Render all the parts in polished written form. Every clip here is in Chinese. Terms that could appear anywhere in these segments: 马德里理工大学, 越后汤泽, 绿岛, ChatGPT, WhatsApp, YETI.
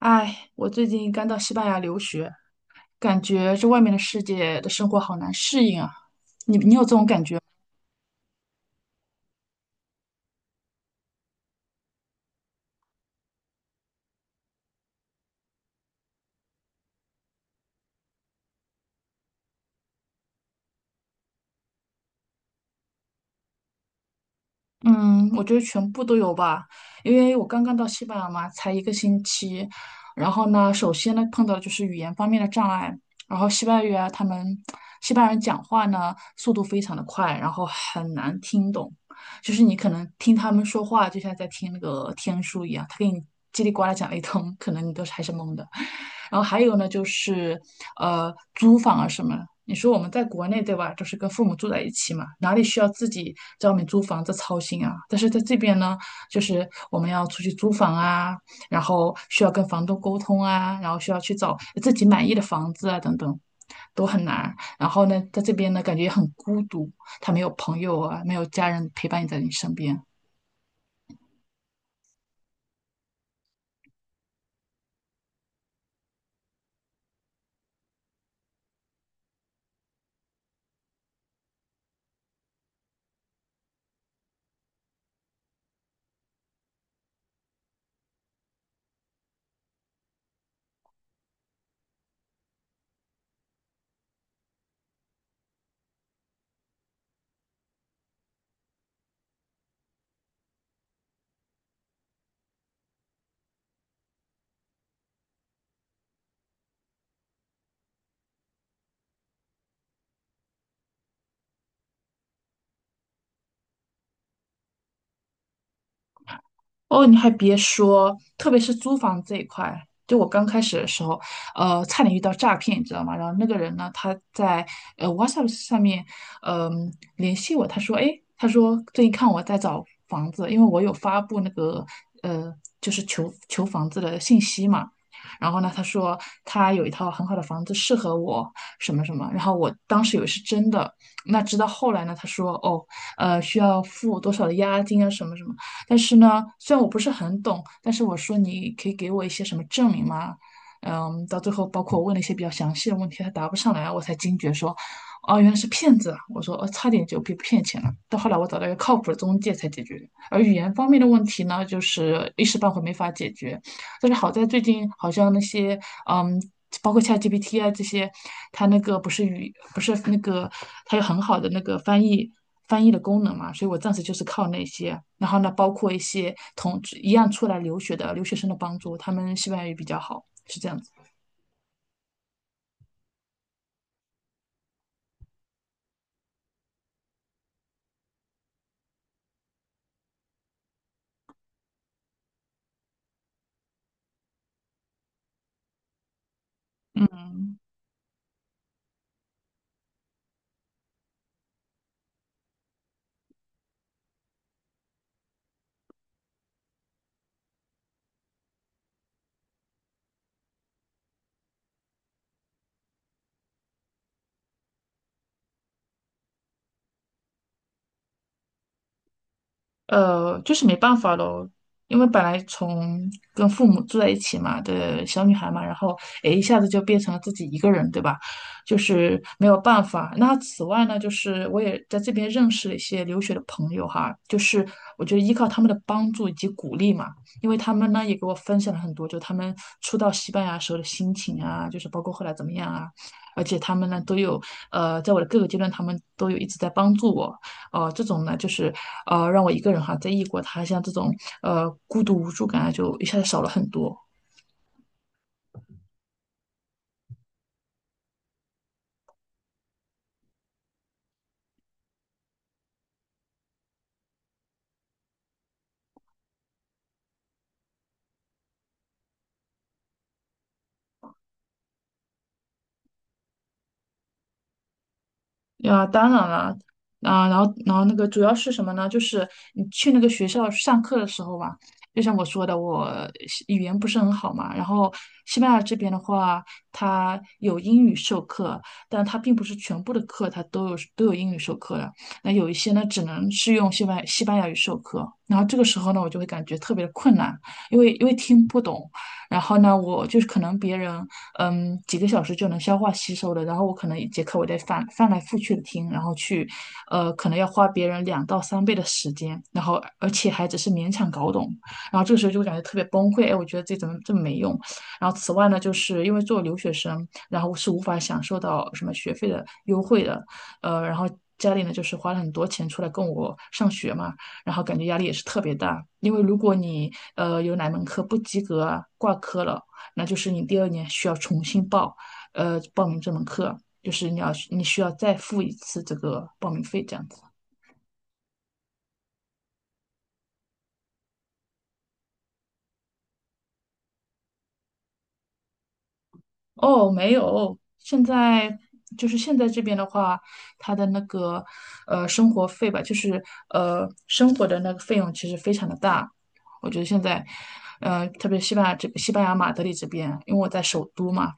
哎，我最近刚到西班牙留学，感觉这外面的世界的生活好难适应啊。嗯，我觉得全部都有吧，因为我刚刚到西班牙嘛，才一个星期。然后呢，首先呢碰到的就是语言方面的障碍。然后西班牙语啊，他们西班牙人讲话呢速度非常的快，然后很难听懂，就是你可能听他们说话就像在听那个天书一样，他给你叽里呱啦讲了一通，可能你都是还是懵的。然后还有呢，就是租房啊什么的。你说我们在国内对吧，就是跟父母住在一起嘛，哪里需要自己在外面租房子操心啊？但是在这边呢，就是我们要出去租房啊，然后需要跟房东沟通啊，然后需要去找自己满意的房子啊，等等，都很难。然后呢，在这边呢，感觉也很孤独，他没有朋友啊，没有家人陪伴你在你身边。哦，你还别说，特别是租房这一块，就我刚开始的时候，差点遇到诈骗，你知道吗？然后那个人呢，他在WhatsApp 上面，联系我，他说，哎，他说最近看我在找房子，因为我有发布那个呃，就是求房子的信息嘛。然后呢，他说他有一套很好的房子适合我，什么什么。然后我当时以为是真的，那直到后来呢，他说哦，需要付多少的押金啊，什么什么。但是呢，虽然我不是很懂，但是我说你可以给我一些什么证明吗？嗯，到最后包括我问了一些比较详细的问题，他答不上来，我才惊觉说，哦，原来是骗子啊！我说，哦，差点就被骗钱了。到后来我找到一个靠谱的中介才解决。而语言方面的问题呢，就是一时半会没法解决，但是好在最近好像那些嗯，包括 ChatGPT 啊这些，它那个不是那个它有很好的那个翻译的功能嘛，所以我暂时就是靠那些。然后呢，包括一些一样出来留学的留学生的帮助，他们西班牙语比较好，是这样子。嗯。就是没办法咯，因为本来从跟父母住在一起嘛的小女孩嘛，然后诶一下子就变成了自己一个人，对吧？就是没有办法。那此外呢，就是我也在这边认识了一些留学的朋友哈，就是我觉得依靠他们的帮助以及鼓励嘛，因为他们呢也给我分享了很多，就他们初到西班牙时候的心情啊，就是包括后来怎么样啊，而且他们呢都有在我的各个阶段，他们都有一直在帮助我。这种呢，就是让我一个人哈，在异国他乡这种孤独无助感啊，就一下子少了很多。呀，当然了，啊，然后那个主要是什么呢？就是你去那个学校上课的时候吧，就像我说的，我西语言不是很好嘛。然后西班牙这边的话，它有英语授课，但它并不是全部的课它都有英语授课的。那有一些呢，只能是用西班牙语授课。然后这个时候呢，我就会感觉特别的困难，因为听不懂。然后呢，我就是可能别人几个小时就能消化吸收的。然后我可能一节课我得翻来覆去的听，然后去，可能要花别人2到3倍的时间，然后而且还只是勉强搞懂。然后这个时候就会感觉特别崩溃，哎，我觉得自己怎么这么没用。然后此外呢，就是因为做留学生，然后是无法享受到什么学费的优惠的，然后家里呢就是花了很多钱出来供我上学嘛，然后感觉压力也是特别大，因为如果你有哪门课不及格啊，挂科了。那就是你第二年需要重新报，报名这门课，就是你需要再付一次这个报名费这样子。哦，没有，现在就是现在这边的话，他的那个生活费吧，就是生活的那个费用其实非常的大。我觉得现在，特别西班牙这西班牙马德里这边，因为我在首都嘛，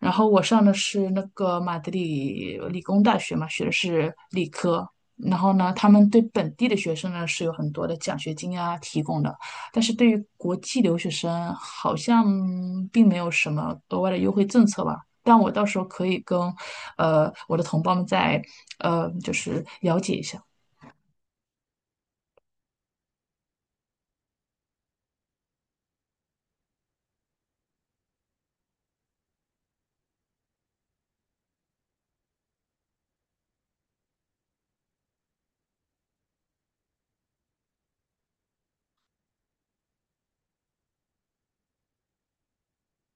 然后我上的是那个马德里理工大学嘛，学的是理科。然后呢，他们对本地的学生呢是有很多的奖学金啊提供的。但是对于国际留学生，好像并没有什么额外的优惠政策吧。但我到时候可以跟，我的同胞们再，就是了解一下。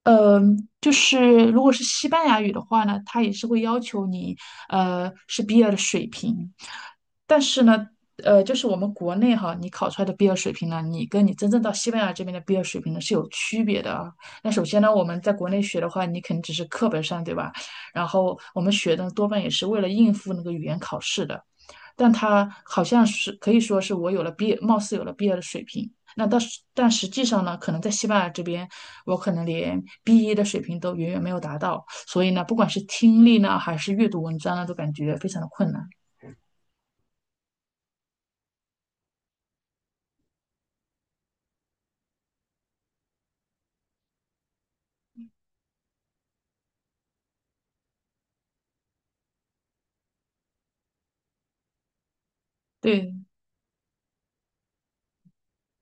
嗯，就是如果是西班牙语的话呢，它也是会要求你，是 B2 的水平。但是呢，就是我们国内哈，你考出来的 B2 水平呢，你跟你真正到西班牙这边的 B2 水平呢是有区别的啊。那首先呢，我们在国内学的话，你肯定只是课本上，对吧？然后我们学的多半也是为了应付那个语言考试的。但它好像是可以说是我有了 B，貌似有了 B2 的水平，那到时但实际上呢，可能在西班牙这边，我可能连 B1 的水平都远远没有达到，所以呢，不管是听力呢，还是阅读文章呢，都感觉非常的困难。对，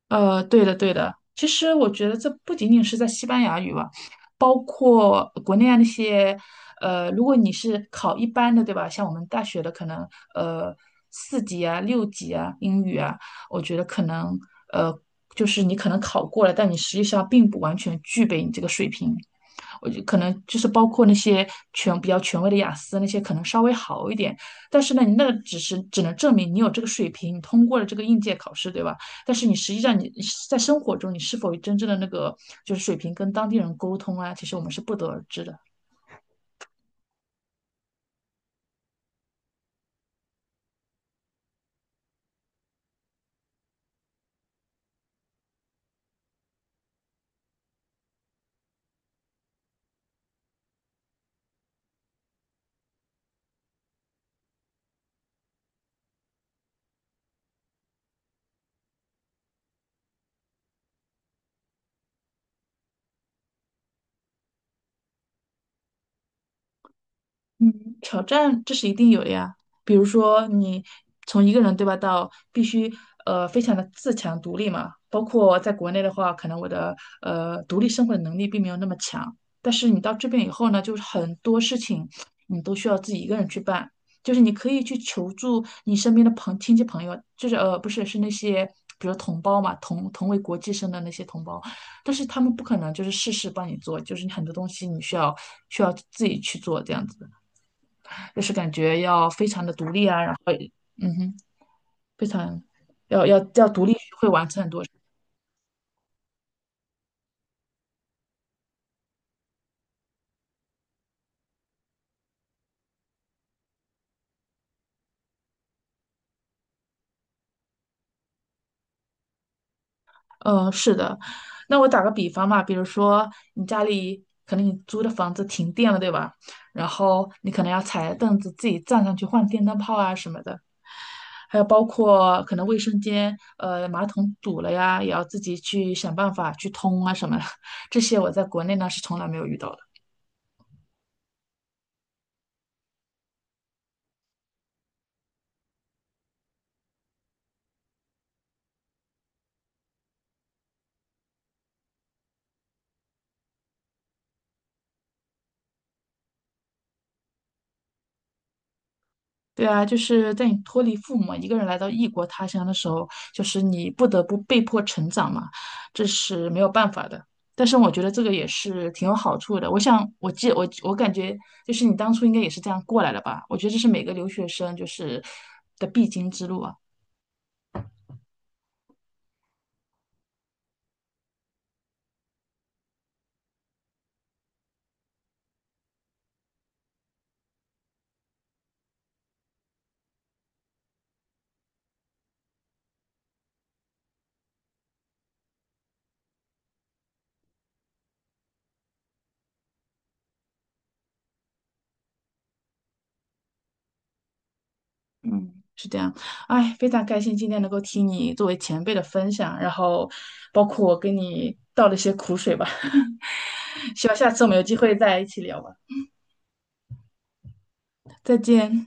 对的，对的。其实我觉得这不仅仅是在西班牙语吧，包括国内啊那些，如果你是考一般的，对吧？像我们大学的可能，呃，四级啊、六级啊、英语啊，我觉得可能，呃，就是你可能考过了，但你实际上并不完全具备你这个水平。我就可能就是包括那些比较权威的雅思那些可能稍微好一点，但是呢，你那个只能证明你有这个水平，你通过了这个应届考试，对吧？但是你实际上你在生活中你是否真正的那个就是水平跟当地人沟通啊，其实我们是不得而知的。嗯，挑战这是一定有的呀。比如说你从一个人对吧，到必须非常的自强独立嘛。包括在国内的话，可能我的独立生活的能力并没有那么强，但是你到这边以后呢，就是很多事情你都需要自己一个人去办。就是你可以去求助你身边的亲戚朋友，就是不是那些比如同胞嘛，同为国际生的那些同胞，但是他们不可能就是事事帮你做，就是你很多东西你需要自己去做这样子。就是感觉要非常的独立啊，然后嗯哼，非常要独立学会完成很多事。嗯，是的。那我打个比方嘛，比如说你家里可能你租的房子停电了，对吧？然后你可能要踩着凳子自己站上去换电灯泡啊什么的，还有包括可能卫生间马桶堵了呀，也要自己去想办法去通啊什么的。这些我在国内呢是从来没有遇到的。对啊，就是在你脱离父母一个人来到异国他乡的时候，就是你不得不被迫成长嘛，这是没有办法的。但是我觉得这个也是挺有好处的。我想，我记我我感觉就是你当初应该也是这样过来的吧？我觉得这是每个留学生就是的必经之路啊。嗯，是这样。哎，非常开心今天能够听你作为前辈的分享，然后包括我跟你倒了一些苦水吧。希望下次我们有机会再一起聊吧。再见。